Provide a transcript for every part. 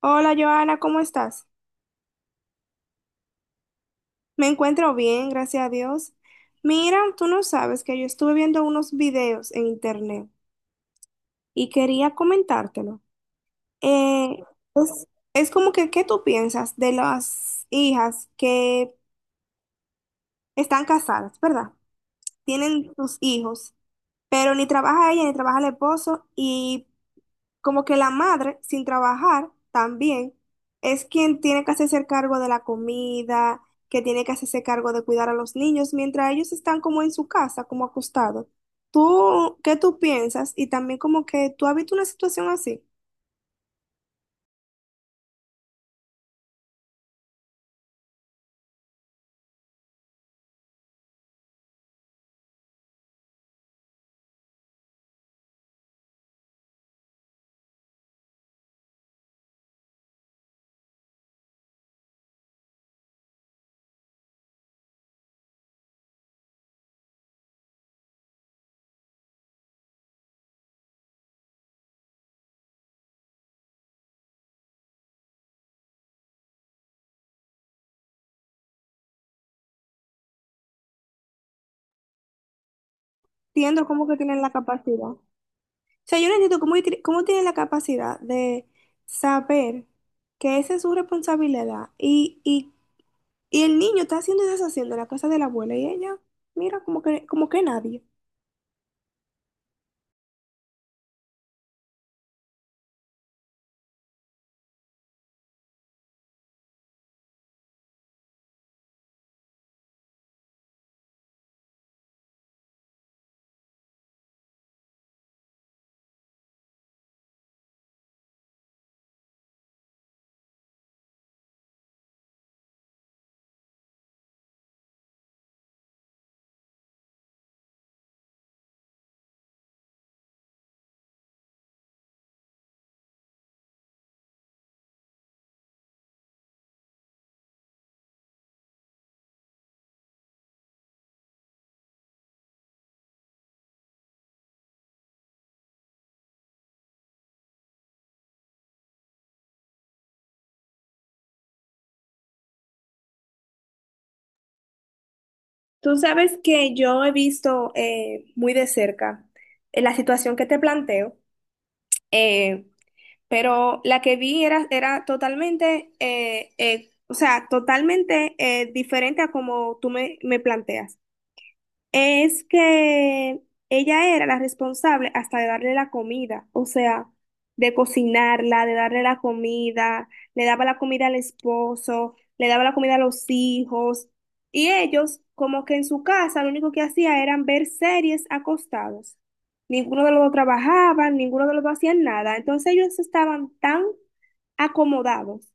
Hola Joana, ¿cómo estás? Me encuentro bien, gracias a Dios. Mira, tú no sabes que yo estuve viendo unos videos en internet y quería comentártelo. Eh, es, es como que, ¿qué tú piensas de las hijas que están casadas, ¿verdad? Tienen sus hijos, pero ni trabaja ella ni trabaja el esposo y como que la madre, sin trabajar, también es quien tiene que hacerse cargo de la comida, que tiene que hacerse cargo de cuidar a los niños, mientras ellos están como en su casa, como acostados. ¿Tú qué tú piensas? Y también como que tú has visto una situación así, entiendo cómo que tienen la capacidad. O sea, yo no entiendo cómo, cómo tienen la capacidad de saber que esa es su responsabilidad y el niño está haciendo y deshaciendo la casa de la abuela y ella, mira, como que nadie. Tú sabes que yo he visto muy de cerca la situación que te planteo, eh, pero la que vi era, era totalmente, o sea, totalmente diferente a como tú me planteas. Es que ella era la responsable hasta de darle la comida, o sea, de cocinarla, de darle la comida, le daba la comida al esposo, le daba la comida a los hijos, y ellos como que en su casa lo único que hacía eran ver series acostados. Ninguno de los dos trabajaba, ninguno de los dos hacía nada, entonces ellos estaban tan acomodados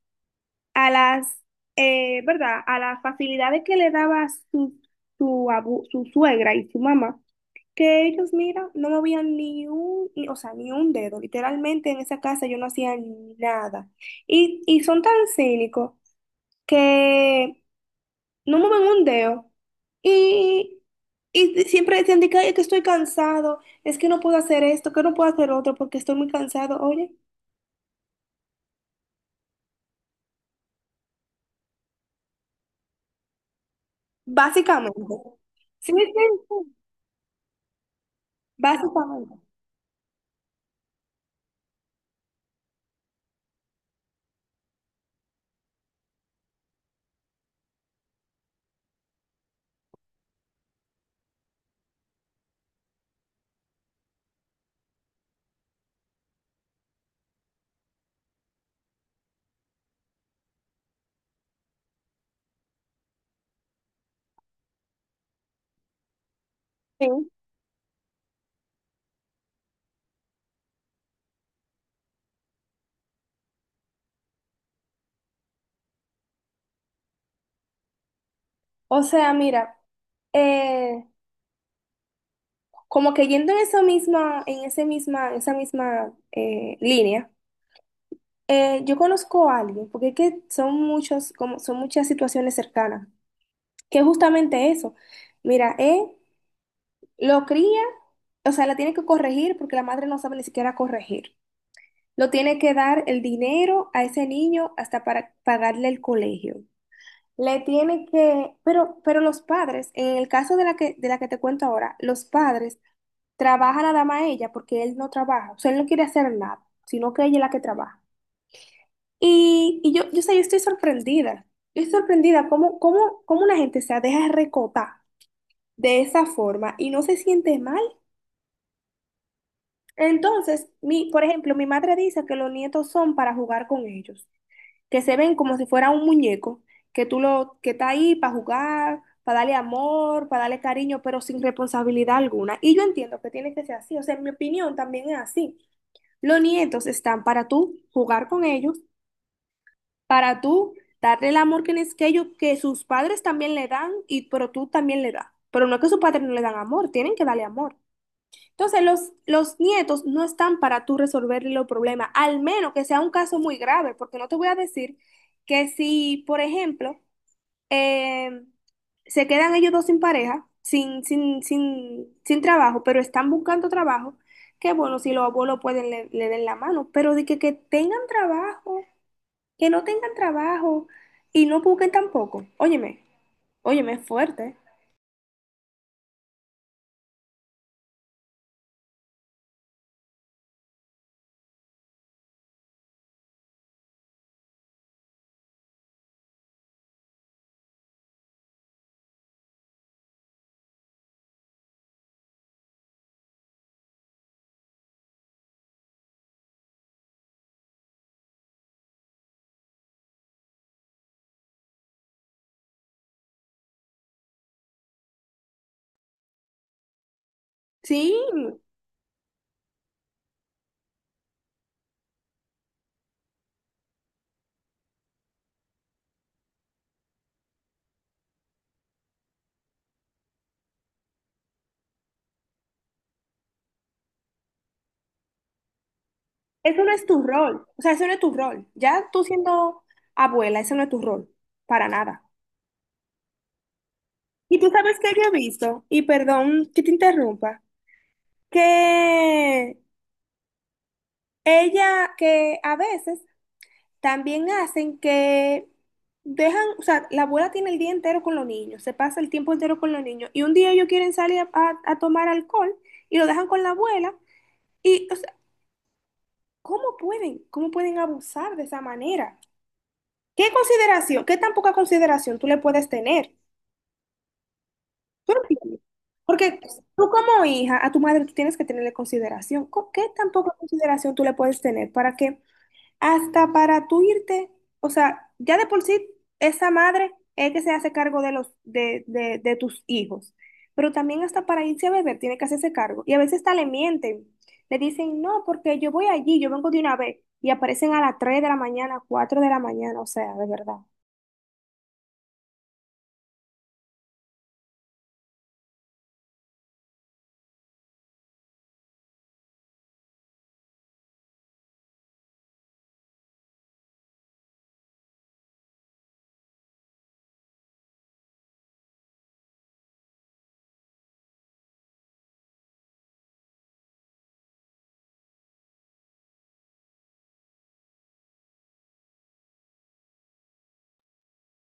a ¿verdad? A las facilidades que le daba su, su suegra y su mamá, que ellos, mira, no movían ni un, ni- o sea, ni un dedo. Literalmente en esa casa yo no hacía nada. Y son tan cínicos que no mueven un dedo. Y, y siempre decían de que, "Ay, es que estoy cansado, es que no puedo hacer esto, que no puedo hacer otro porque estoy muy cansado. Oye, básicamente. Sí, sí, sí, básicamente. Sí. O sea, mira, eh, como que yendo en esa misma, esa misma línea, yo conozco a alguien, porque es que son muchos, como son muchas situaciones cercanas, que es justamente eso. Mira, él lo cría, o sea, la tiene que corregir porque la madre no sabe ni siquiera corregir. Lo tiene que dar el dinero a ese niño hasta para pagarle el colegio. Le tiene que, pero, los padres, en el caso de de la que te cuento ahora, los padres trabajan nada más ella porque él no trabaja, o sea, él no quiere hacer nada, sino que ella es la que trabaja. Sé, yo estoy sorprendida cómo una gente se deja recotar de esa forma y no se siente mal. Entonces, por ejemplo, mi madre dice que los nietos son para jugar con ellos, que se ven como si fuera un muñeco, que que está ahí para jugar, para darle amor, para darle cariño, pero sin responsabilidad alguna. Y yo entiendo que tiene que ser así, o sea, en mi opinión también es así. Los nietos están para tú jugar con ellos, para tú darle el amor que que sus padres también le dan, y pero tú también le das. Pero no es que sus padres no le dan amor, tienen que darle amor. Entonces, los nietos no están para tú resolverle los problemas, al menos que sea un caso muy grave, porque no te voy a decir que si, por ejemplo, eh, se quedan ellos dos sin pareja, sin trabajo, pero están buscando trabajo, que bueno, si los abuelos pueden, le den la mano, pero de que tengan trabajo, que no tengan trabajo y no busquen tampoco. Óyeme, óyeme, es fuerte. Sí. Eso no es tu rol, o sea, eso no es tu rol. Ya tú siendo abuela, eso no es tu rol, para nada. Y tú sabes que yo he visto, y perdón que te interrumpa, que ella, que a veces también hacen que dejan, o sea, la abuela tiene el día entero con los niños, se pasa el tiempo entero con los niños, y un día ellos quieren salir a tomar alcohol y lo dejan con la abuela, y, o sea, ¿cómo pueden? ¿Cómo pueden abusar de esa manera? ¿Qué consideración, qué tan poca consideración tú le puedes tener? ¿Tú lo entiendes? Porque tú como hija, a tu madre tú tienes que tenerle consideración. ¿Con ¿Qué tan poca consideración tú le puedes tener para que hasta para tú irte, o sea, ya de por sí esa madre es que se hace cargo de de tus hijos, pero también hasta para irse a beber tiene que hacerse cargo. Y a veces hasta le mienten, le dicen, no, porque yo voy allí, yo vengo de una vez, y aparecen a las 3 de la mañana, 4 de la mañana, o sea, de verdad.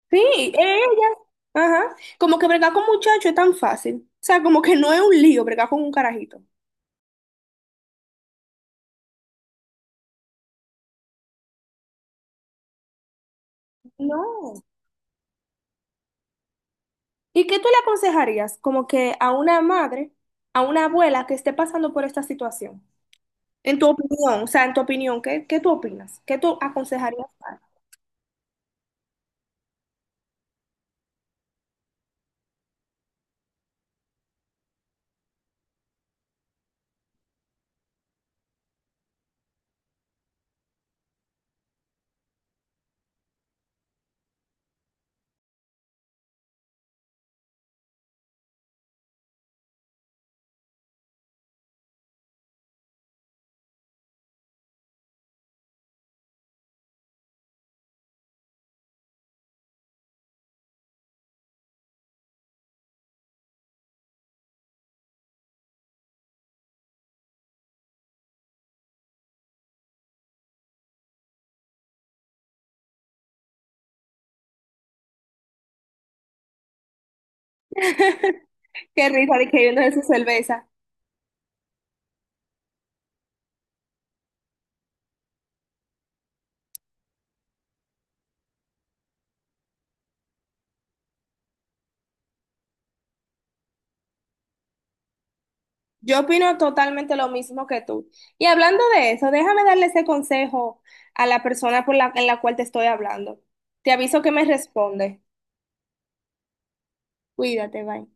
Sí, ella. Ajá. Como que bregar con muchachos es tan fácil. O sea, como que no es un lío bregar con un carajito. No. ¿Y qué tú le aconsejarías como que a una madre, a una abuela que esté pasando por esta situación? En tu opinión, o sea, en tu opinión, ¿qué tú opinas? ¿Qué tú aconsejarías? Qué risa de que viendo de su cerveza. Yo opino totalmente lo mismo que tú. Y hablando de eso, déjame darle ese consejo a la persona por en la cual te estoy hablando. Te aviso que me responde. Cuídate, bye.